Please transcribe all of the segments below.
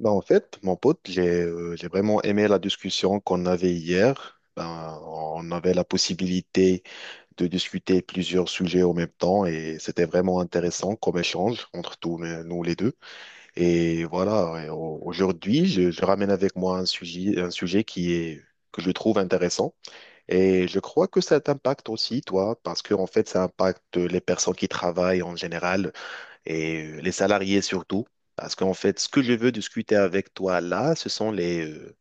Ben, en fait, mon pote, j'ai vraiment aimé la discussion qu'on avait hier. Ben, on avait la possibilité de discuter plusieurs sujets en même temps et c'était vraiment intéressant comme échange entre nous les deux. Et voilà, aujourd'hui, je ramène avec moi un sujet que je trouve intéressant et je crois que ça t'impacte aussi, toi, parce que en fait, ça impacte les personnes qui travaillent en général et les salariés surtout. Parce qu'en fait, ce que je veux discuter avec toi là, ce sont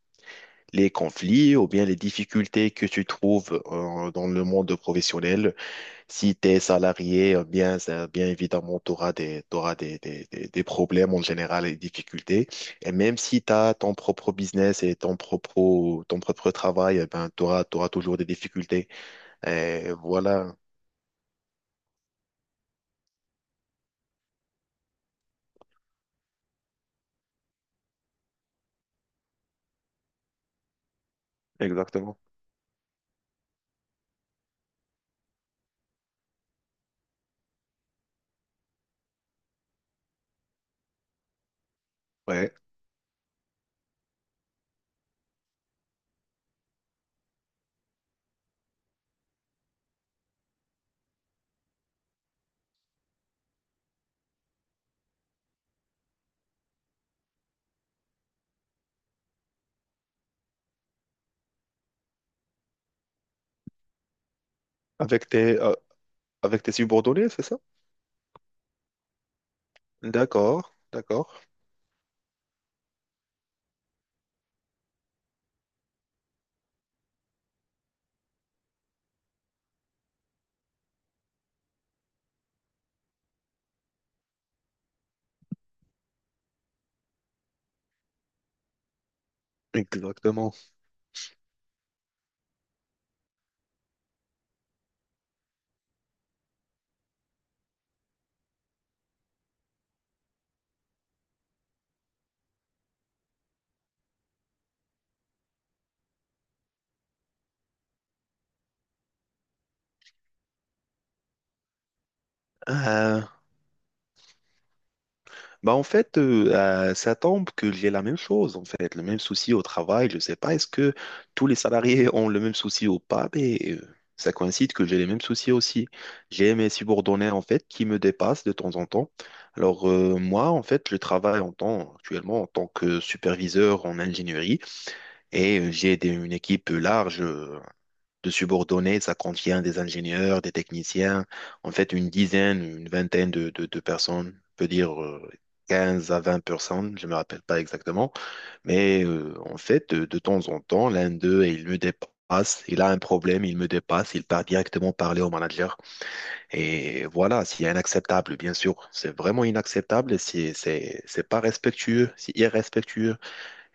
les conflits ou bien les difficultés que tu trouves dans le monde professionnel. Si tu es salarié, bien, bien évidemment, tu auras t'auras des problèmes en général et des difficultés. Et même si tu as ton propre business et ton propre travail, eh ben, tu auras, toujours des difficultés. Et voilà, exactement. Ouais. Avec avec tes subordonnés, c'est ça? D'accord, d'accord, exactement. Euh, Bah en fait, ça tombe que j'ai la même chose, en fait, le même souci au travail. Je ne sais pas, est-ce que tous les salariés ont le même souci ou pas, mais ça coïncide que j'ai les mêmes soucis aussi. J'ai mes subordonnés, en fait, qui me dépassent de temps en temps. Alors, moi, en fait, je travaille en tant, actuellement en tant que superviseur en ingénierie et une équipe large. De subordonnés. Ça contient des ingénieurs, des techniciens, en fait une dizaine, une vingtaine de personnes, on peut dire 15 à 20 personnes, je ne me rappelle pas exactement. Mais en fait, de temps en temps, l'un d'eux, il me dépasse, il a un problème, il me dépasse, il part directement parler au manager. Et voilà, c'est inacceptable, bien sûr. C'est vraiment inacceptable, c'est pas respectueux, c'est irrespectueux.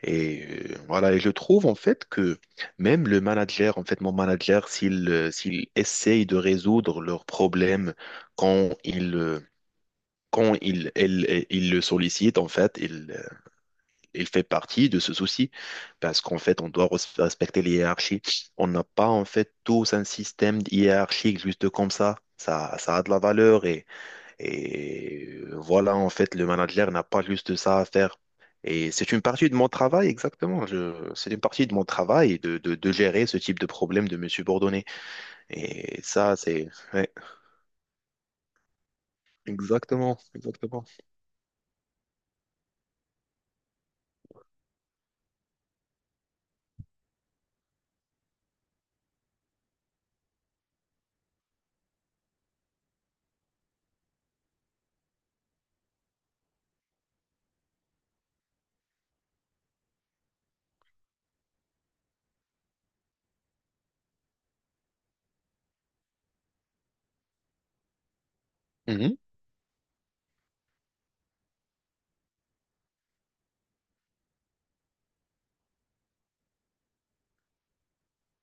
Et voilà, et je trouve en fait que même le manager, en fait, mon manager, s'il essaye de résoudre leurs problèmes quand il euh, quand il le sollicite, en fait, il fait partie de ce souci parce qu'en fait, on doit respecter les hiérarchies. On n'a pas en fait tous un système hiérarchique juste comme ça. Ça a de la valeur et voilà, en fait, le manager n'a pas juste ça à faire. Et c'est une partie de mon travail, exactement. C'est une partie de mon travail de, de gérer ce type de problème de mes subordonnés. Et ça, c'est... Ouais, exactement, exactement. Mhm.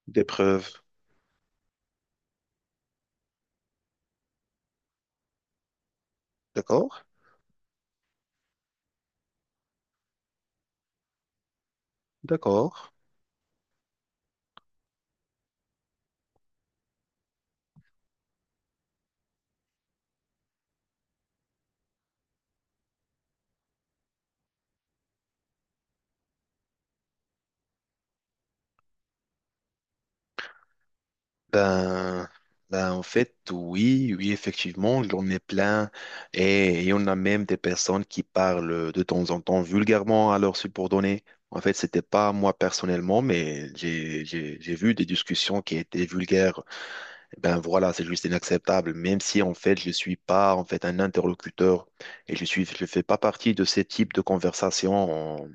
Des preuves. D'accord, d'accord. Ben, ben, en fait, oui, oui, effectivement, j'en ai plein. Et on a même des personnes qui parlent de temps en temps vulgairement à leurs subordonnés. En fait, c'était pas moi personnellement, mais j'ai vu des discussions qui étaient vulgaires ben voilà, c'est juste inacceptable. Même si en fait je suis pas en fait un interlocuteur et je fais pas partie de ces types de conversations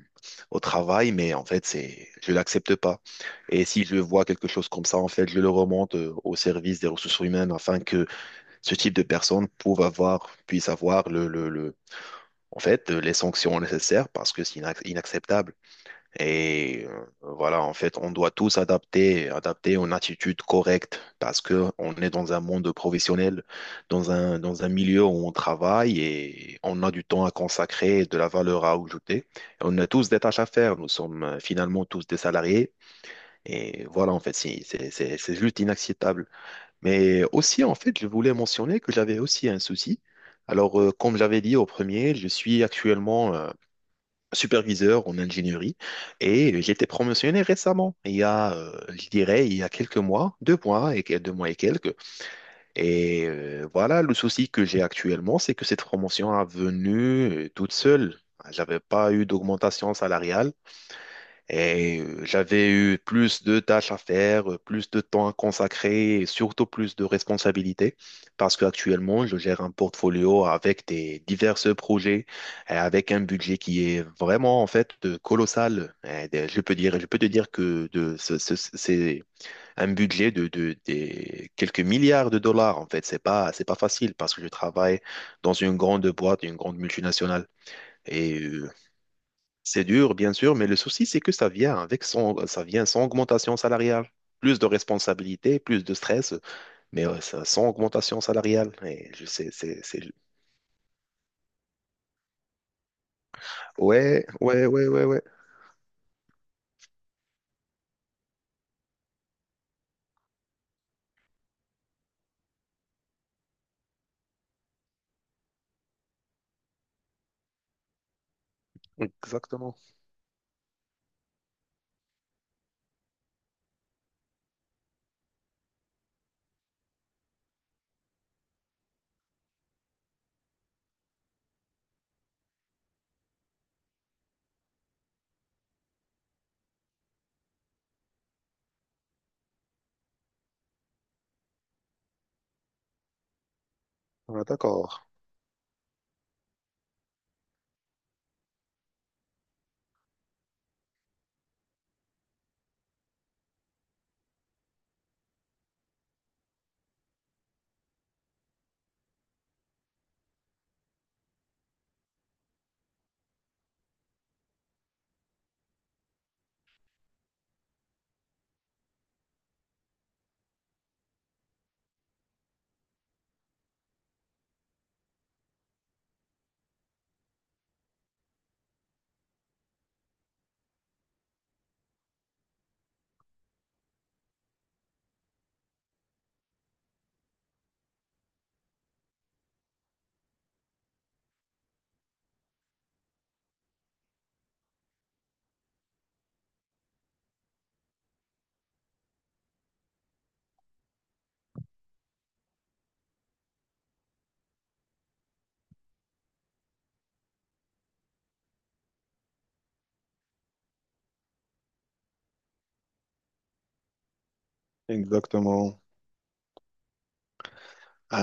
au travail, mais en fait c'est je l'accepte pas. Et si je vois quelque chose comme ça, en fait je le remonte au service des ressources humaines afin que ce type de personnes puisse avoir en fait les sanctions nécessaires parce que c'est inacceptable. Et voilà, en fait, on doit tous adapter, adapter une attitude correcte parce que on est dans un monde professionnel, dans un milieu où on travaille et on a du temps à consacrer, de la valeur à ajouter. On a tous des tâches à faire. Nous sommes finalement tous des salariés. Et voilà, en fait, c'est juste inacceptable. Mais aussi, en fait, je voulais mentionner que j'avais aussi un souci. Alors, comme j'avais dit au premier, je suis actuellement superviseur en ingénierie et j'ai été promotionné récemment, il y a, je dirais, il y a quelques mois, deux mois et quelques. Et voilà, le souci que j'ai actuellement, c'est que cette promotion est venue toute seule. J'avais pas eu d'augmentation salariale. Et j'avais eu plus de tâches à faire, plus de temps à consacrer et surtout plus de responsabilités parce qu'actuellement, je gère un portfolio avec des divers projets et avec un budget qui est vraiment en fait colossal. Je peux dire, je peux te dire que de, ce- ce- ce- c'est un budget des quelques milliards de dollars en fait. C'est pas facile parce que je travaille dans une grande boîte, une grande multinationale. Et c'est dur, bien sûr, mais le souci, c'est que ça vient sans augmentation salariale. Plus de responsabilités, plus de stress, mais sans augmentation salariale. Et je sais, c'est... Ouais, ouais, ouais, ouais, ouais. Exactement. Ouais, d'accord. Exactement.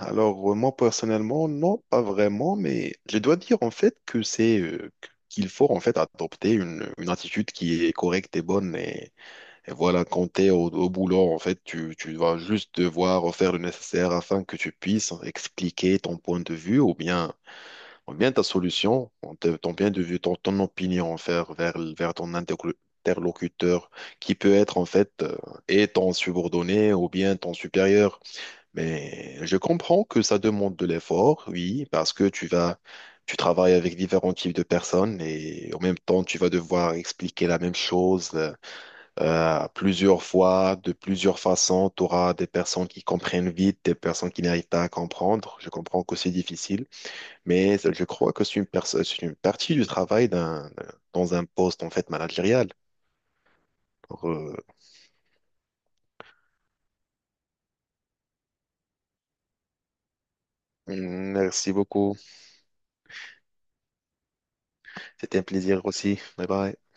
Alors, moi, personnellement, non, pas vraiment, mais je dois dire, en fait, qu'il faut, en fait, adopter une attitude qui est correcte et bonne. Et voilà, quand au boulot, en fait, tu vas juste devoir faire le nécessaire afin que tu puisses expliquer ton point de vue ou bien ta solution, ton ton point de vue, ton opinion en fait, vers ton interlocuteur qui peut être en fait et ton subordonné ou bien ton supérieur. Mais je comprends que ça demande de l'effort, oui, parce que tu travailles avec différents types de personnes et en même temps, tu vas devoir expliquer la même chose plusieurs fois, de plusieurs façons. Tu auras des personnes qui comprennent vite, des personnes qui n'arrivent pas à comprendre. Je comprends que c'est difficile, mais je crois que c'est c'est une partie du travail dans un poste en fait managérial. Alors, merci beaucoup. C'était un plaisir aussi. Bye bye.